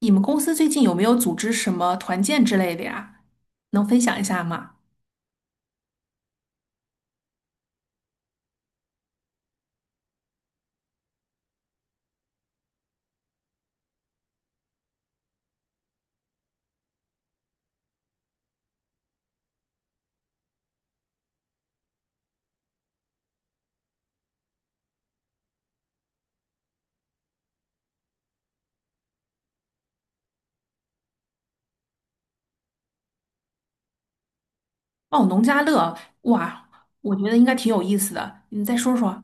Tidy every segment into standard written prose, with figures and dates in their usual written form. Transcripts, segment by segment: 你们公司最近有没有组织什么团建之类的呀？能分享一下吗？哦，农家乐。哇，我觉得应该挺有意思的。你再说说。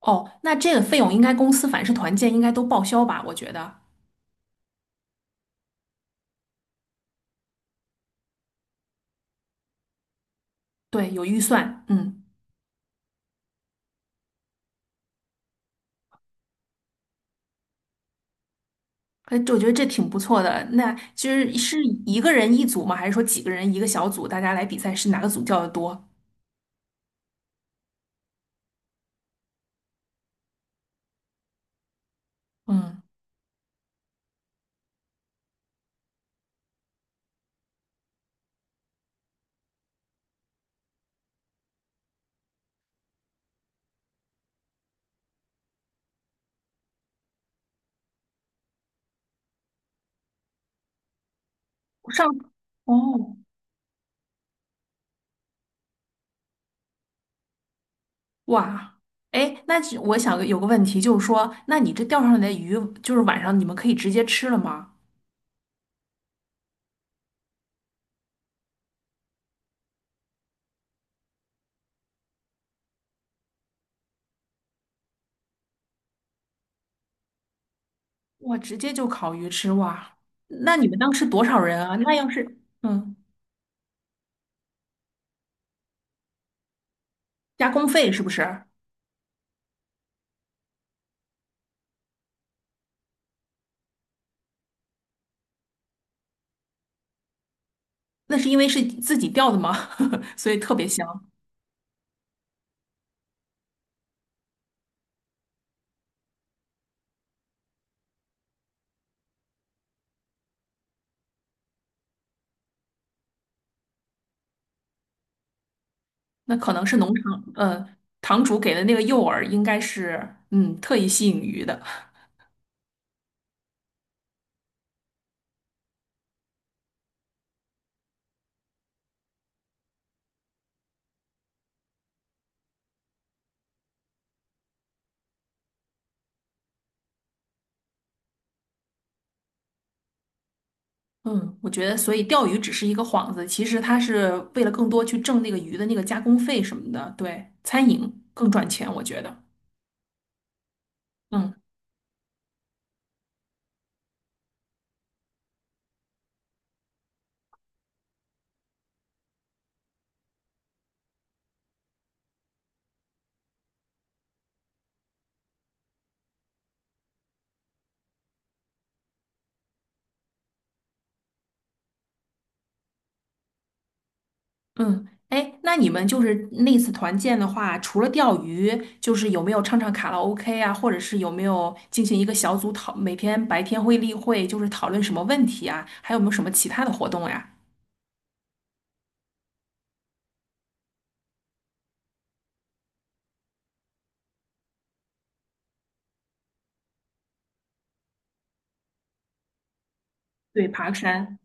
哦，那这个费用应该公司凡是团建应该都报销吧？我觉得。对，有预算。嗯。哎，这我觉得这挺不错的。那其实是一个人一组吗？还是说几个人一个小组，大家来比赛是哪个组叫的多？嗯，我上。哦，哇，哎，那只我想有个问题，就是说，那你这钓上来的鱼，就是晚上你们可以直接吃了吗？哇，直接就烤鱼吃哇！那你们当时多少人啊？那要是嗯，加工费是不是？那是因为是自己钓的吗？所以特别香。那可能是农场，堂主给的那个诱饵，应该是嗯，特意吸引鱼的。嗯，我觉得，所以钓鱼只是一个幌子，其实它是为了更多去挣那个鱼的那个加工费什么的。对，餐饮更赚钱，我觉得。嗯嗯，哎，那你们就是那次团建的话，除了钓鱼，就是有没有唱唱卡拉 OK 啊，或者是有没有进行一个小组讨，每天白天会例会，就是讨论什么问题啊，还有没有什么其他的活动呀？对，爬个山。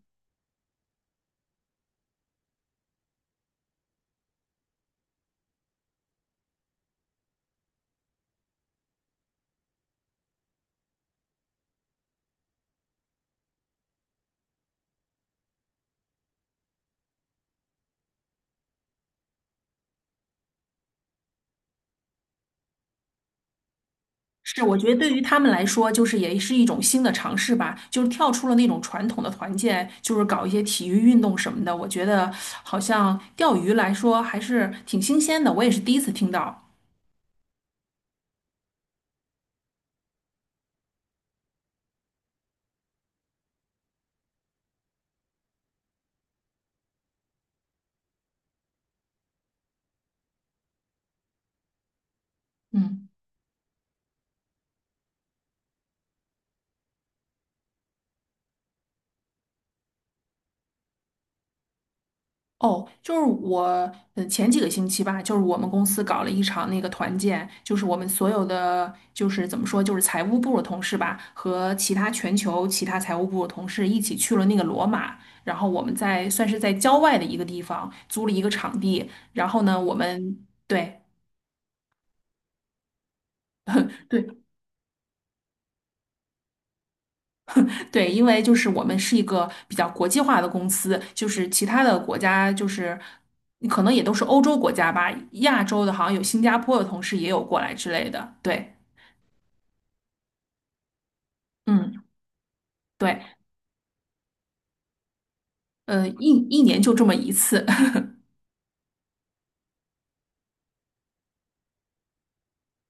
是，我觉得对于他们来说，就是也是一种新的尝试吧，就是跳出了那种传统的团建，就是搞一些体育运动什么的。我觉得好像钓鱼来说还是挺新鲜的，我也是第一次听到。嗯。哦，就是我，嗯，前几个星期吧，就是我们公司搞了一场那个团建，就是我们所有的，就是怎么说，就是财务部的同事吧，和其他全球其他财务部的同事一起去了那个罗马，然后我们在算是在郊外的一个地方租了一个场地，然后呢，我们对。对对，因为就是我们是一个比较国际化的公司，就是其他的国家就是可能也都是欧洲国家吧，亚洲的好像有新加坡的同事也有过来之类的。对。嗯，对，一年就这么一次。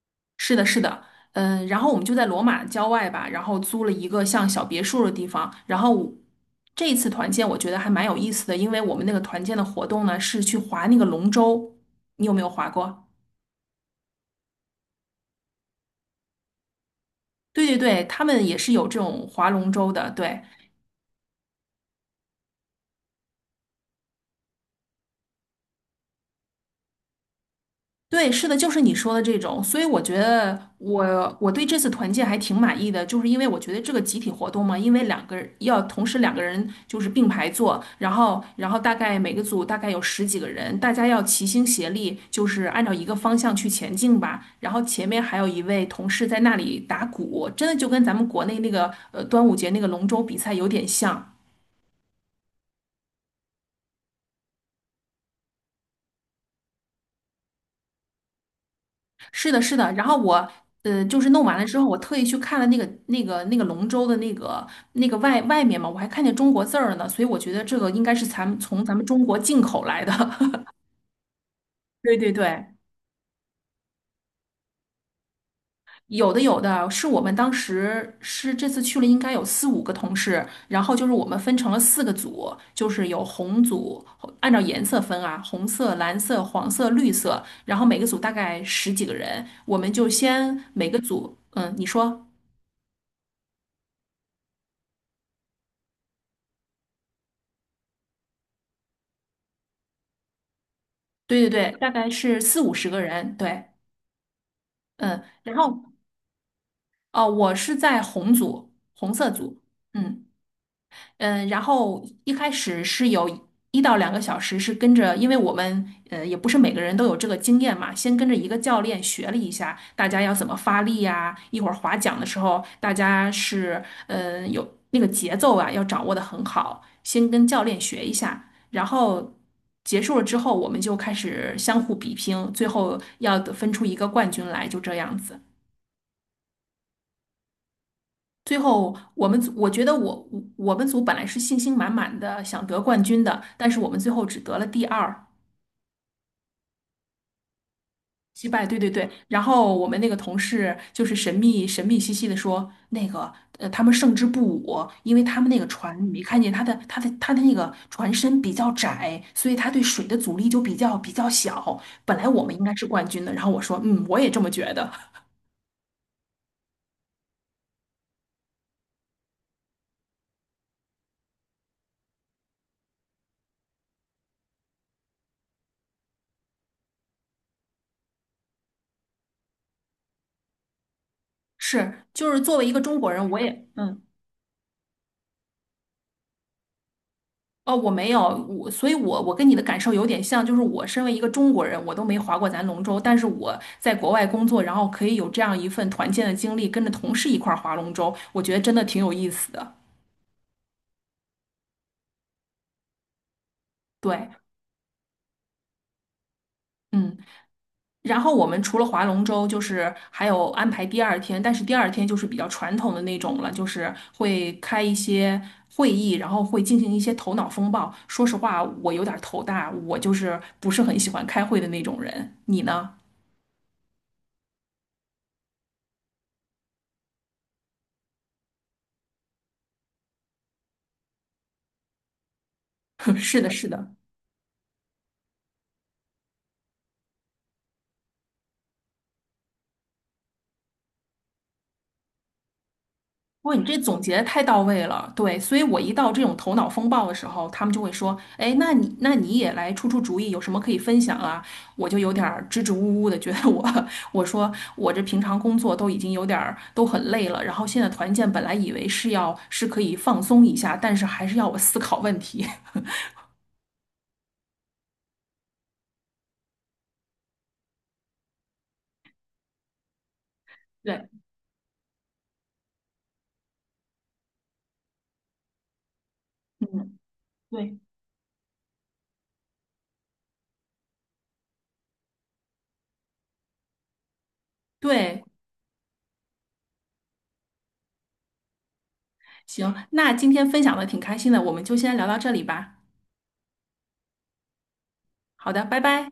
是的，是的。嗯、然后我们就在罗马郊外吧，然后租了一个像小别墅的地方，然后我这一次团建我觉得还蛮有意思的，因为我们那个团建的活动呢是去划那个龙舟，你有没有划过？对对对，他们也是有这种划龙舟的，对。对，是的，就是你说的这种，所以我觉得我对这次团建还挺满意的，就是因为我觉得这个集体活动嘛，因为两个人要同时两个人就是并排坐，然后大概每个组大概有十几个人，大家要齐心协力，就是按照一个方向去前进吧。然后前面还有一位同事在那里打鼓，真的就跟咱们国内那个端午节那个龙舟比赛有点像。是的，是的。然后我就是弄完了之后，我特意去看了那个龙舟的那个外面嘛，我还看见中国字儿呢，所以我觉得这个应该是咱们从咱们中国进口来的。对对对。有的有的是我们当时是这次去了，应该有四五个同事，然后就是我们分成了四个组，就是有红组，按照颜色分啊，红色、蓝色、黄色、绿色，然后每个组大概十几个人，我们就先每个组，嗯，你说。对对对，大概是四五十个人。对。嗯，然后哦，我是在红组，红色组。嗯。嗯，然后一开始是有1到2个小时是跟着，因为我们也不是每个人都有这个经验嘛，先跟着一个教练学了一下大家要怎么发力呀、一会儿划桨的时候大家是有那个节奏啊要掌握的很好，先跟教练学一下，然后结束了之后我们就开始相互比拼，最后要得分出一个冠军来，就这样子。最后，我们组我觉得我们组本来是信心满满的想得冠军的，但是我们最后只得了第二。击败。对对对。然后我们那个同事就是神秘兮兮的说，那个他们胜之不武，因为他们那个船，你没看见他的那个船身比较窄，所以他对水的阻力就比较小。本来我们应该是冠军的。然后我说，嗯，我也这么觉得。是，就是作为一个中国人，我也嗯。哦，我没有。我，所以我，我跟你的感受有点像，就是我身为一个中国人，我都没划过咱龙舟，但是我在国外工作，然后可以有这样一份团建的经历，跟着同事一块儿划龙舟，我觉得真的挺有意思的。对。嗯，然后我们除了划龙舟，就是还有安排第二天，但是第二天就是比较传统的那种了，就是会开一些会议，然后会进行一些头脑风暴。说实话，我有点儿头大，我就是不是很喜欢开会的那种人。你呢？是的，是的。哇，你这总结得太到位了。对，所以我一到这种头脑风暴的时候，他们就会说，哎，那你那你也来出出主意，有什么可以分享啊？我就有点儿支支吾吾的，觉得我 我说我这平常工作都已经有点儿都很累了，然后现在团建本来以为是要是可以放松一下，但是还是要我思考问题。对，嗯，对对。行，那今天分享的挺开心的，我们就先聊到这里吧。好的，拜拜。